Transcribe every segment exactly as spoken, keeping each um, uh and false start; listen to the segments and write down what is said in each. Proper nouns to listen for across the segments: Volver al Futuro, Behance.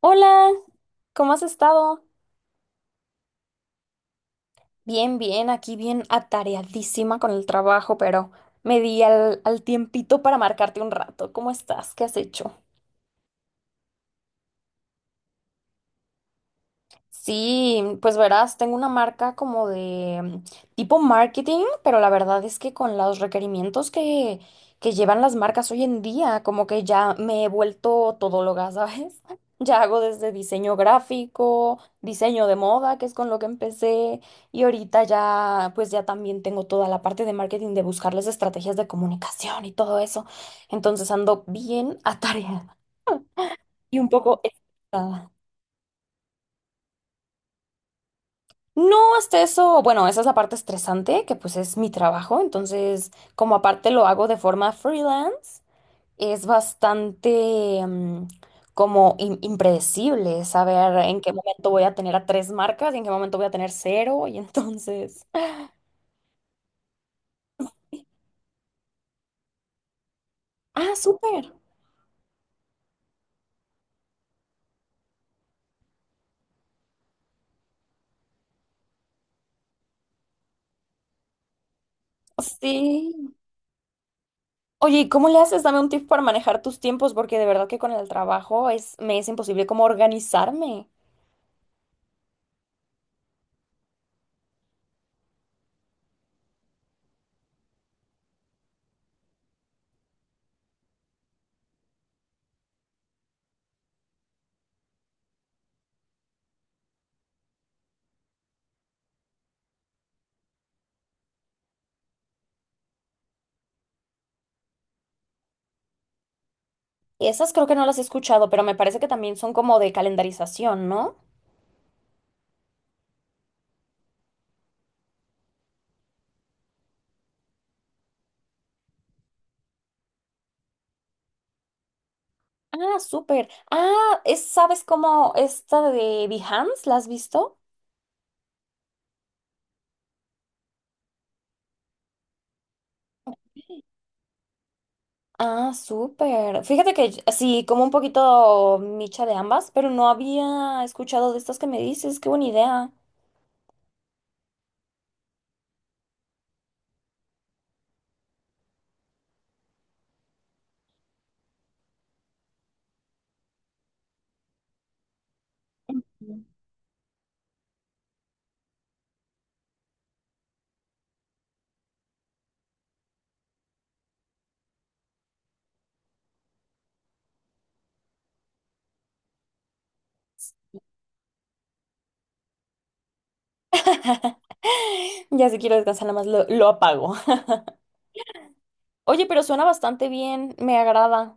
Hola, ¿cómo has estado? Bien, bien, aquí bien atareadísima con el trabajo, pero me di al, al tiempito para marcarte un rato. ¿Cómo estás? ¿Qué has hecho? Sí, pues verás, tengo una marca como de mm, tipo marketing, pero la verdad es que con los requerimientos que, que llevan las marcas hoy en día, como que ya me he vuelto todóloga, ¿sabes? Ya hago desde diseño gráfico, diseño de moda, que es con lo que empecé, y ahorita ya, pues ya también tengo toda la parte de marketing de buscarles estrategias de comunicación y todo eso. Entonces ando bien atareada y un poco estresada. No, hasta eso, bueno, esa es la parte estresante, que pues es mi trabajo, entonces como aparte lo hago de forma freelance, es bastante mm, como im- impredecible saber en qué momento voy a tener a tres marcas y en qué momento voy a tener cero, y entonces... Ah, súper. Sí. Oye, ¿y cómo le haces? Dame un tip para manejar tus tiempos, porque de verdad que con el trabajo es, me es imposible como organizarme. Esas creo que no las he escuchado, pero me parece que también son como de calendarización, ¿no? Ah, súper. Ah, es, ¿sabes cómo esta de Behance? ¿La has visto? Ah, súper. Fíjate que yo- sí, como un poquito micha de ambas, pero no había escuchado de estas que me dices. Qué buena idea. Mm. Ya si quiero descansar, nada más lo, lo apago. Oye, pero suena bastante bien, me agrada.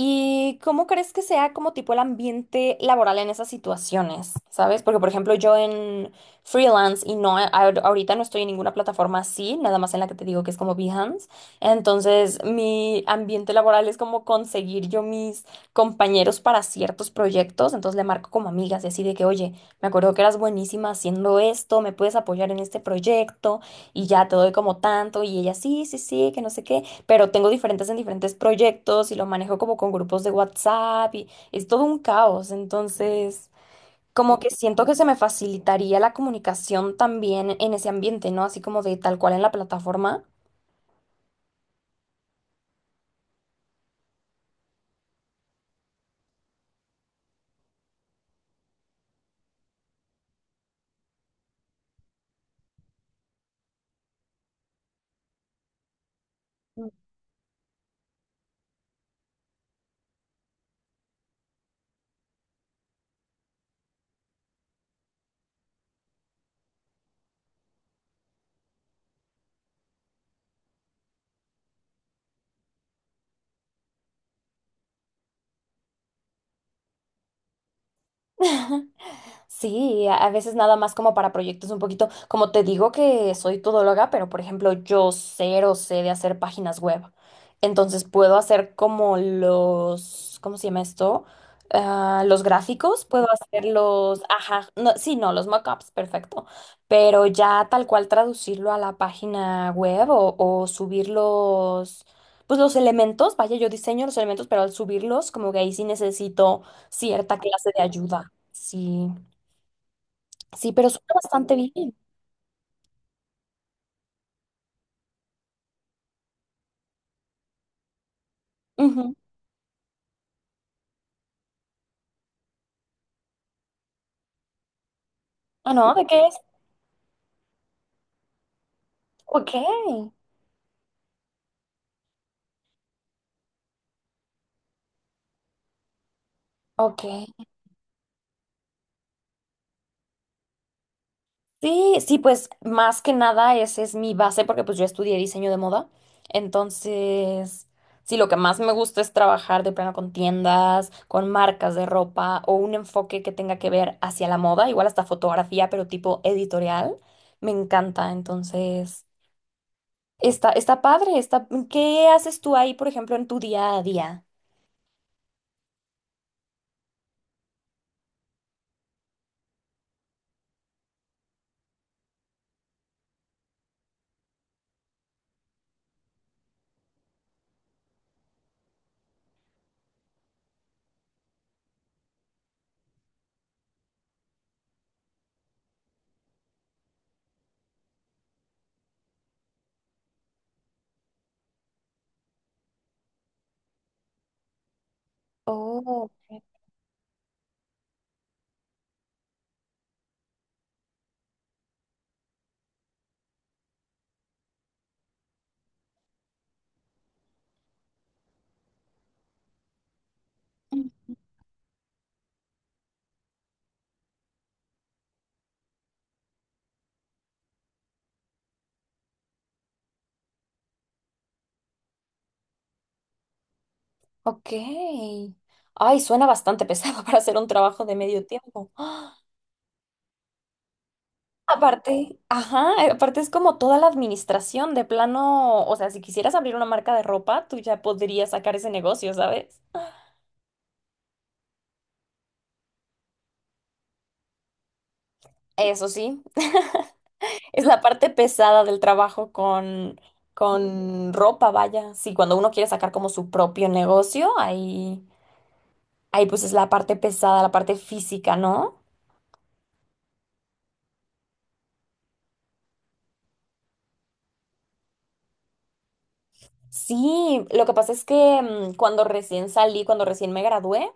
¿Y cómo crees que sea como tipo el ambiente laboral en esas situaciones? ¿Sabes? Porque, por ejemplo, yo en freelance y no, a- ahorita no estoy en ninguna plataforma así, nada más en la que te digo que es como Behance. Entonces, mi ambiente laboral es como conseguir yo mis compañeros para ciertos proyectos. Entonces, le marco como amigas y así de que, oye, me acuerdo que eras buenísima haciendo esto, me puedes apoyar en este proyecto y ya te doy como tanto. Y ella, sí, sí, sí, que no sé qué, pero tengo diferentes en diferentes proyectos y lo manejo como con grupos de WhatsApp y es todo un caos. Entonces, como que siento que se me facilitaría la comunicación también en ese ambiente, ¿no? Así como de tal cual en la plataforma. Sí, a a veces nada más como para proyectos un poquito, como te digo que soy todóloga, pero por ejemplo yo cero sé de hacer páginas web. Entonces puedo hacer como los, ¿cómo se llama esto? Ah, los gráficos, puedo hacer los, ajá, no, sí, no, los mockups, perfecto. Pero ya tal cual traducirlo a la página web o, o subir los, pues los elementos, vaya, yo diseño los elementos, pero al subirlos como que ahí sí necesito cierta clase de ayuda. Sí. Sí, pero suena bastante bien. Ujú. Ah, no, ¿de qué es? Ok, ok. Sí, sí, pues más que nada esa es mi base porque pues yo estudié diseño de moda. Entonces, sí, lo que más me gusta es trabajar de plano con tiendas, con marcas de ropa o un enfoque que tenga que ver hacia la moda, igual hasta fotografía, pero tipo editorial. Me encanta, entonces, está, está padre, está... ¿Qué haces tú ahí, por ejemplo, en tu día a día? Oh. Ok. Ay, suena bastante pesado para hacer un trabajo de medio tiempo. ¡Ah! Aparte, ajá, eh, aparte es como toda la administración de plano, o sea, si quisieras abrir una marca de ropa, tú ya podrías sacar ese negocio, ¿sabes? Eso sí, es la parte pesada del trabajo con, con ropa, vaya. Sí, cuando uno quiere sacar como su propio negocio, ahí, ahí pues es la parte pesada, la parte física, ¿no? Sí, lo que pasa es que mm, cuando recién salí, cuando recién me gradué,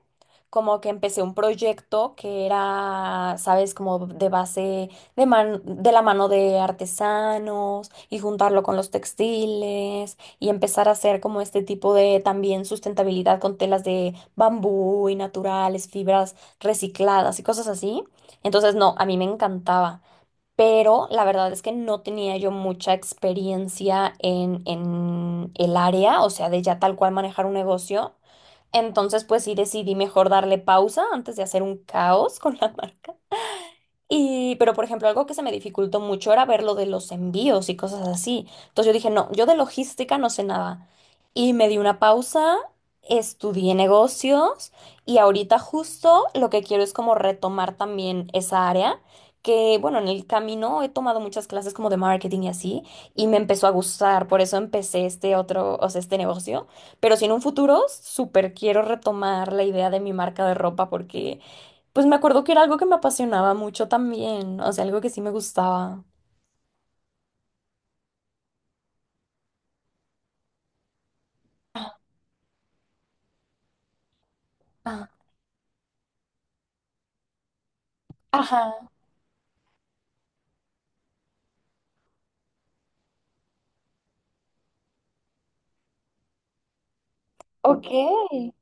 como que empecé un proyecto que era, sabes, como de base de man- de la mano de artesanos y juntarlo con los textiles y empezar a hacer como este tipo de también sustentabilidad con telas de bambú y naturales, fibras recicladas y cosas así. Entonces, no, a mí me encantaba, pero la verdad es que no tenía yo mucha experiencia en, en el área, o sea, de ya tal cual manejar un negocio. Entonces, pues sí decidí mejor darle pausa antes de hacer un caos con la y, pero por ejemplo, algo que se me dificultó mucho era ver lo de los envíos y cosas así. Entonces yo dije, no, yo de logística no sé nada. Y me di una pausa, estudié negocios y ahorita justo lo que quiero es como retomar también esa área, que bueno, en el camino he tomado muchas clases como de marketing y así, y me empezó a gustar, por eso empecé este otro, o sea, este negocio. Pero si en un futuro, súper quiero retomar la idea de mi marca de ropa porque... Pues me acuerdo que era algo que me apasionaba mucho también, o sea, algo que sí me gustaba. Ah, ajá, ok.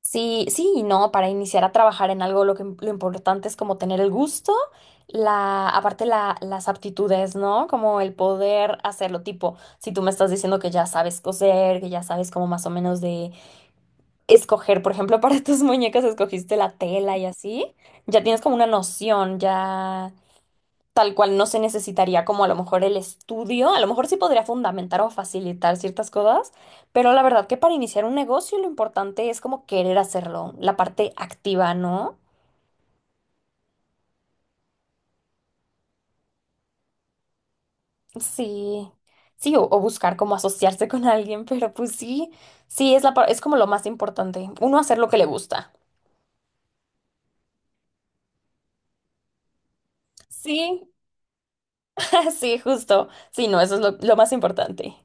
Sí, sí, y no, para iniciar a trabajar en algo lo que lo importante es como tener el gusto, la, aparte la, las aptitudes, ¿no? Como el poder hacerlo, tipo, si tú me estás diciendo que ya sabes coser, que ya sabes como más o menos de escoger, por ejemplo, para tus muñecas escogiste la tela y así, ya tienes como una noción, ya tal cual no se necesitaría como a lo mejor el estudio, a lo mejor sí podría fundamentar o facilitar ciertas cosas, pero la verdad que para iniciar un negocio lo importante es como querer hacerlo, la parte activa, ¿no? Sí, sí, o, o buscar como asociarse con alguien, pero pues sí, sí, es la, par- es como lo más importante, uno hacer lo que le gusta. Sí, sí, justo. Sí, no, eso es lo, lo más importante.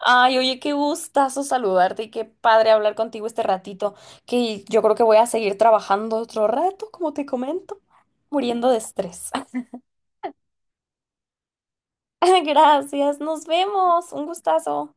Ay, oye, qué gustazo saludarte y qué padre hablar contigo este ratito, que yo creo que voy a seguir trabajando otro rato, como te comento, muriendo de estrés. Gracias, nos vemos. Un gustazo.